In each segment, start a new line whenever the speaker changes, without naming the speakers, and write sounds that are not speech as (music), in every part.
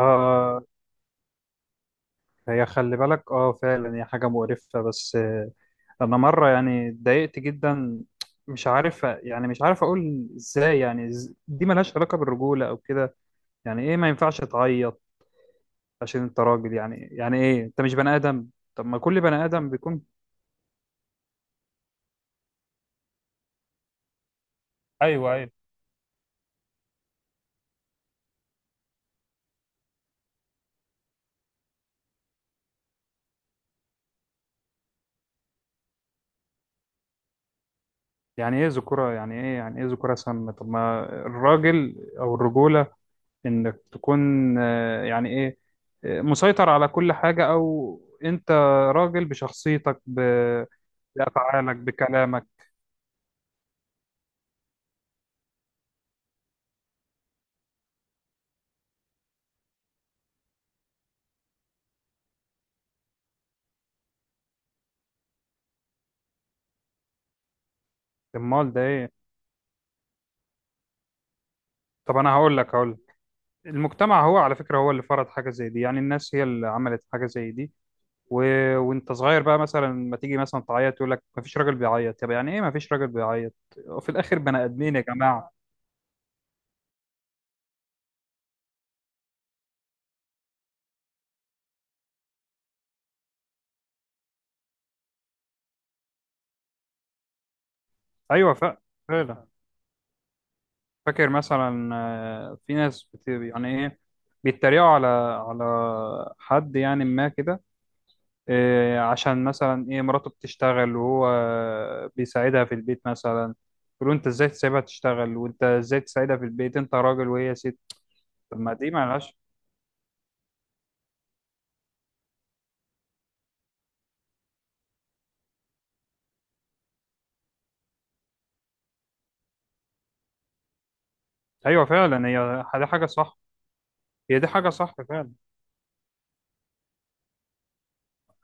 اه. هي خلي بالك، اه فعلا هي حاجة مقرفة، بس انا مرة يعني اتضايقت جدا. مش عارف، يعني مش عارف اقول ازاي، يعني دي ملهاش علاقة بالرجولة او كده. يعني ايه ما ينفعش تعيط عشان انت راجل؟ يعني ايه انت مش بني ادم؟ طب ما كل بني ادم بيكون. ايوه، ايوه، يعني ايه ذكورة، يعني ايه، يعني ايه ذكورة سامة؟ طب ما الراجل او الرجولة، انك تكون يعني ايه، مسيطر على كل حاجة، او انت راجل بشخصيتك، بافعالك، بكلامك. امال ده ايه؟ طب انا هقول لك، المجتمع هو، على فكرة، هو اللي فرض حاجة زي دي، يعني الناس هي اللي عملت حاجة زي دي. و... وانت صغير بقى، مثلا ما تيجي مثلا تعيط، يقول لك ما فيش راجل بيعيط. طب يعني ايه ما فيش راجل بيعيط؟ وفي الاخر بني ادمين يا جماعة. ايوه، فعلا. فاكر مثلا في ناس يعني ايه، بيتريقوا على حد يعني، ما كده، إيه، عشان مثلا ايه مراته بتشتغل وهو بيساعدها في البيت مثلا، يقولوا انت ازاي تسيبها تشتغل؟ وانت ازاي تساعدها في البيت؟ انت راجل وهي ست. طب ما دي مالهاش. ايوه فعلا، هي دي حاجه صح. هي دي حاجه صح فعلا.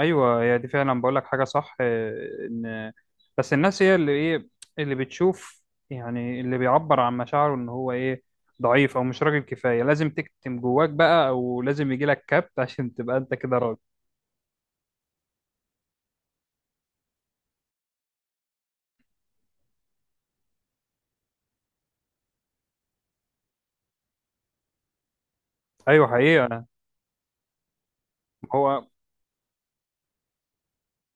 ايوه، هي دي فعلا، بقول لك حاجه صح، آه، ان بس الناس هي اللي ايه، اللي بتشوف يعني، اللي بيعبر عن مشاعره ان هو ايه، ضعيف او مش راجل كفايه، لازم تكتم جواك بقى، او لازم يجي لك كبت (laughs) عشان تبقى انت كده راجل. ايوه حقيقه. هو،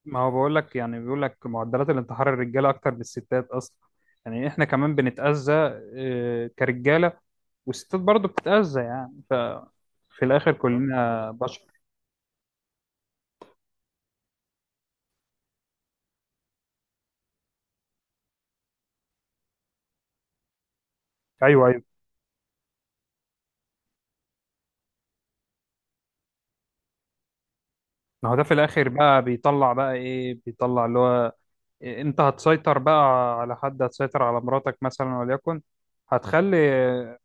ما هو بقول لك، يعني بيقول لك معدلات الانتحار الرجاله اكتر من الستات اصلا، يعني احنا كمان بنتاذى كرجاله، والستات برضه بتتاذى، يعني ففي الاخر كلنا بشر. ايوه، أيوة. ما هو ده في الاخر بقى بيطلع، بقى ايه بيطلع، اللي هو إيه، انت هتسيطر بقى على حد، هتسيطر على مراتك مثلا وليكن، هتخلي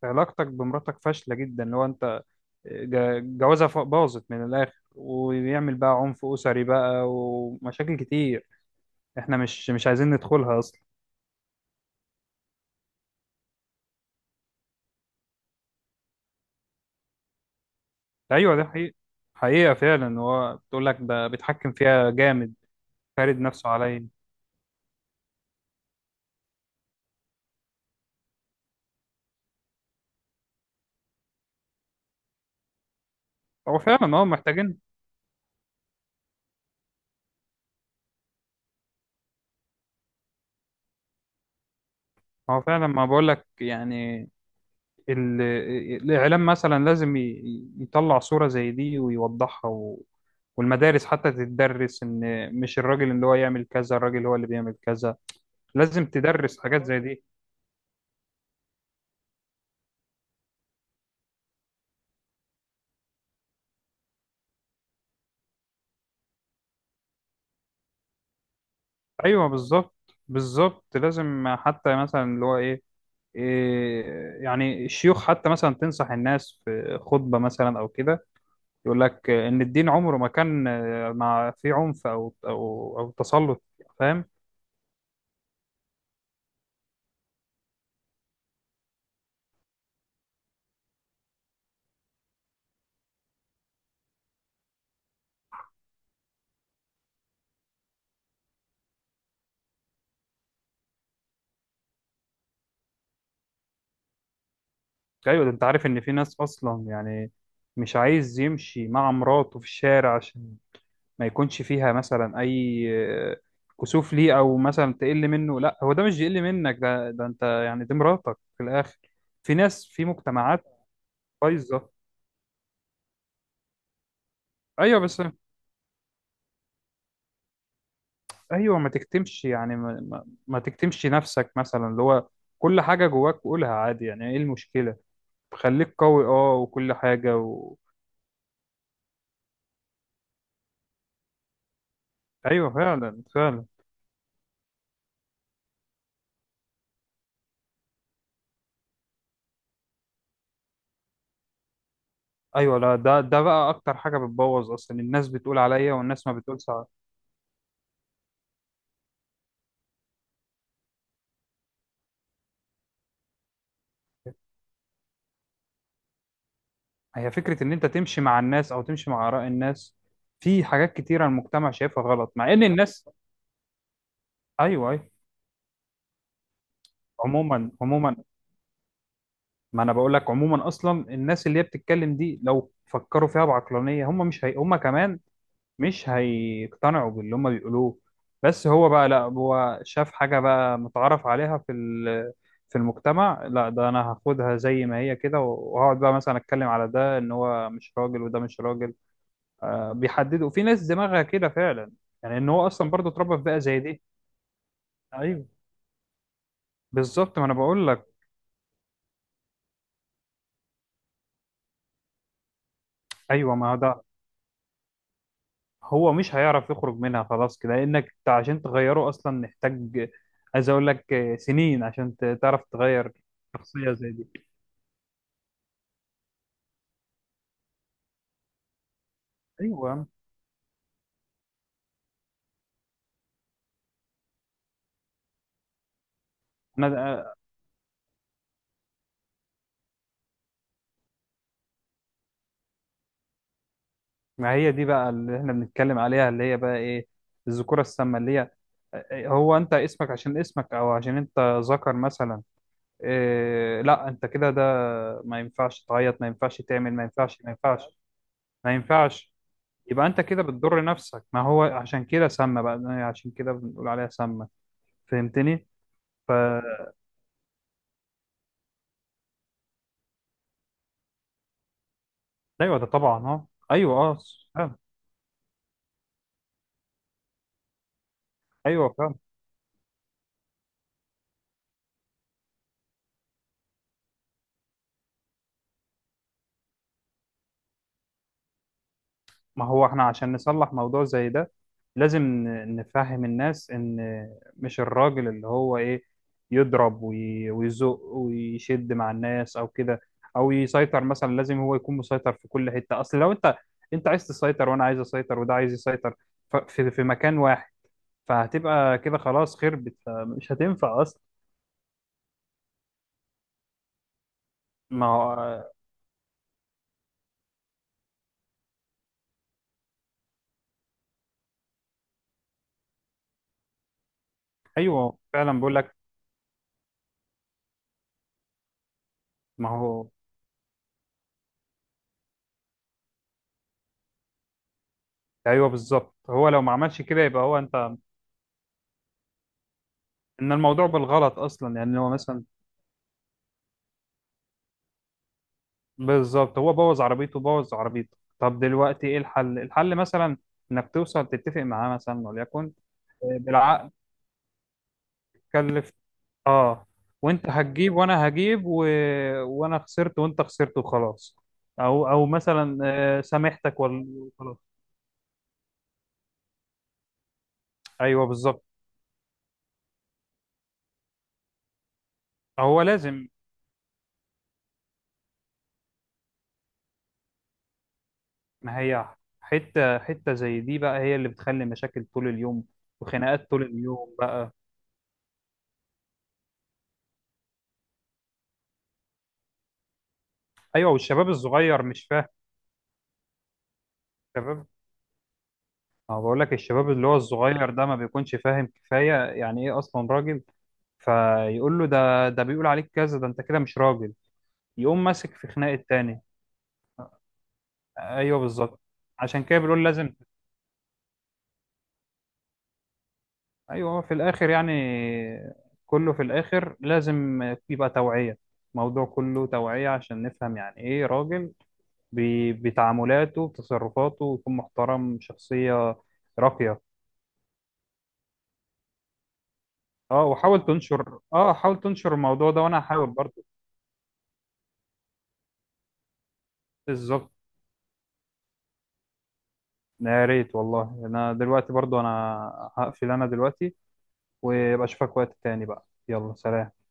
علاقتك بمراتك فاشلة جدا، اللي هو انت جوازها باظت من الاخر، ويعمل بقى عنف اسري بقى ومشاكل كتير احنا مش عايزين ندخلها اصلا. ايوه ده حقيقة، حقيقة فعلا، هو بتقول لك ده بيتحكم فيها جامد، فارد نفسه عليا. هو فعلا، ما هو محتاجين. هو فعلا، ما بقول لك يعني، ال- الإعلام مثلا لازم يطلع صورة زي دي ويوضحها والمدارس حتى تدرس إن مش الراجل اللي هو يعمل كذا، الراجل هو اللي بيعمل كذا، لازم تدرس حاجات زي دي. أيوه بالظبط، بالظبط، لازم حتى مثلا اللي هو إيه، إيه، يعني الشيوخ حتى مثلا تنصح الناس في خطبة مثلا أو كده، يقول لك إن الدين عمره ما كان مع فيه عنف، أو أو تسلط. فاهم؟ ايوه، ده انت عارف ان في ناس اصلا يعني مش عايز يمشي مع مراته في الشارع، عشان ما يكونش فيها مثلا اي آه، كسوف ليه، او مثلا تقل منه. لا، هو ده مش يقل منك، ده انت يعني، دي مراتك في الاخر. في ناس، في مجتمعات بايظه. ايوه بس، ايوه، ما تكتمش يعني، ما تكتمش نفسك، مثلا اللي هو كل حاجه جواك قولها، عادي، يعني ايه المشكله؟ خليك قوي، اه، وكل حاجه ايوه فعلا، فعلا. ايوه، لا ده بقى اكتر حاجه بتبوظ اصلا، الناس بتقول عليا والناس ما بتقولش عليا. هي فكره ان انت تمشي مع الناس او تمشي مع اراء الناس، في حاجات كتيره المجتمع شايفها غلط مع ان الناس. ايوه، ايوه. عموما، عموما، ما انا بقول لك عموما، اصلا الناس اللي هي بتتكلم دي، لو فكروا فيها بعقلانيه، هم مش هي... هم كمان مش هيقتنعوا باللي هم بيقولوه. بس هو بقى، لا، هو شاف حاجة بقى متعارف عليها في في المجتمع، لا، ده انا هاخدها زي ما هي كده، وهقعد بقى مثلا اتكلم على ده ان هو مش راجل، وده مش راجل. بيحددوا، في ناس دماغها كده فعلا، يعني ان هو اصلا برضه اتربى في بيئة زي دي. ايوه بالظبط، ما انا بقول لك. ايوه، ما هو ده. هو مش هيعرف يخرج منها خلاص كده، لانك إنت عشان تغيره اصلا محتاج، عايز اقول لك سنين عشان تعرف تغير شخصية زي دي. ايوه، انا ما هي دي بقى اللي احنا بنتكلم عليها، اللي هي بقى ايه، الذكوره السامه، اللي هي هو انت اسمك عشان اسمك، او عشان انت ذكر مثلا، إيه، لا انت كده، ده ما ينفعش تعيط، ما ينفعش تعمل، ما ينفعش، ما ينفعش، ما ينفعش، يبقى انت كده بتضر نفسك. ما هو عشان كده سامه بقى، يعني عشان كده بنقول عليها سامه. فهمتني؟ ف ايوه، ده طبعا، اه، ايوه اه، فعلا. ايوه فعلا. ما هو احنا عشان نصلح موضوع زي ده، لازم نفهم الناس ان مش الراجل اللي هو ايه، يضرب ويزق ويشد مع الناس او كده، او يسيطر مثلا، لازم هو يكون مسيطر في كل حتة؟ اصل لو انت، انت عايز تسيطر، وانا عايز اسيطر، وده عايز يسيطر، في مكان واحد، فهتبقى كده خلاص خربت، مش هتنفع اصلا. ما هو ايوه فعلا، بقول لك. ما هو، ايوه بالظبط، هو لو ما عملش كده يبقى هو انت، ان الموضوع بالغلط اصلا، يعني هو مثلا بالظبط، هو بوظ عربيته، بوظ عربيته، طب دلوقتي ايه الحل؟ الحل مثلا انك توصل، تتفق معاه مثلا وليكن، بالعقد، تكلف، اه، وانت هتجيب وانا هجيب وانا خسرت وانت خسرت وخلاص، او مثلا سامحتك وخلاص. ايوه بالظبط، هو لازم. ما هي حته حته زي دي بقى، هي اللي بتخلي مشاكل طول اليوم وخناقات طول اليوم بقى. ايوه، والشباب الصغير مش فاهم. الشباب، أنا بقول لك الشباب اللي هو الصغير ده ما بيكونش فاهم كفاية يعني إيه أصلا راجل، فيقول له ده بيقول عليك كذا، ده أنت كده مش راجل، يقوم ماسك في خناق التاني. أيوه بالظبط، عشان كده بنقول لازم. أيوه، في الآخر يعني، كله في الآخر لازم يبقى توعية. الموضوع كله توعية عشان نفهم يعني إيه راجل، بتعاملاته، بتصرفاته، يكون محترم، شخصية راقية. أه وحاول تنشر، أه حاول تنشر الموضوع ده، وأنا هحاول برضه. بالظبط. يا ريت والله. انا دلوقتي برضو، انا هقفل انا دلوقتي، ويبقى اشوفك وقت تاني بقى، يلا سلام.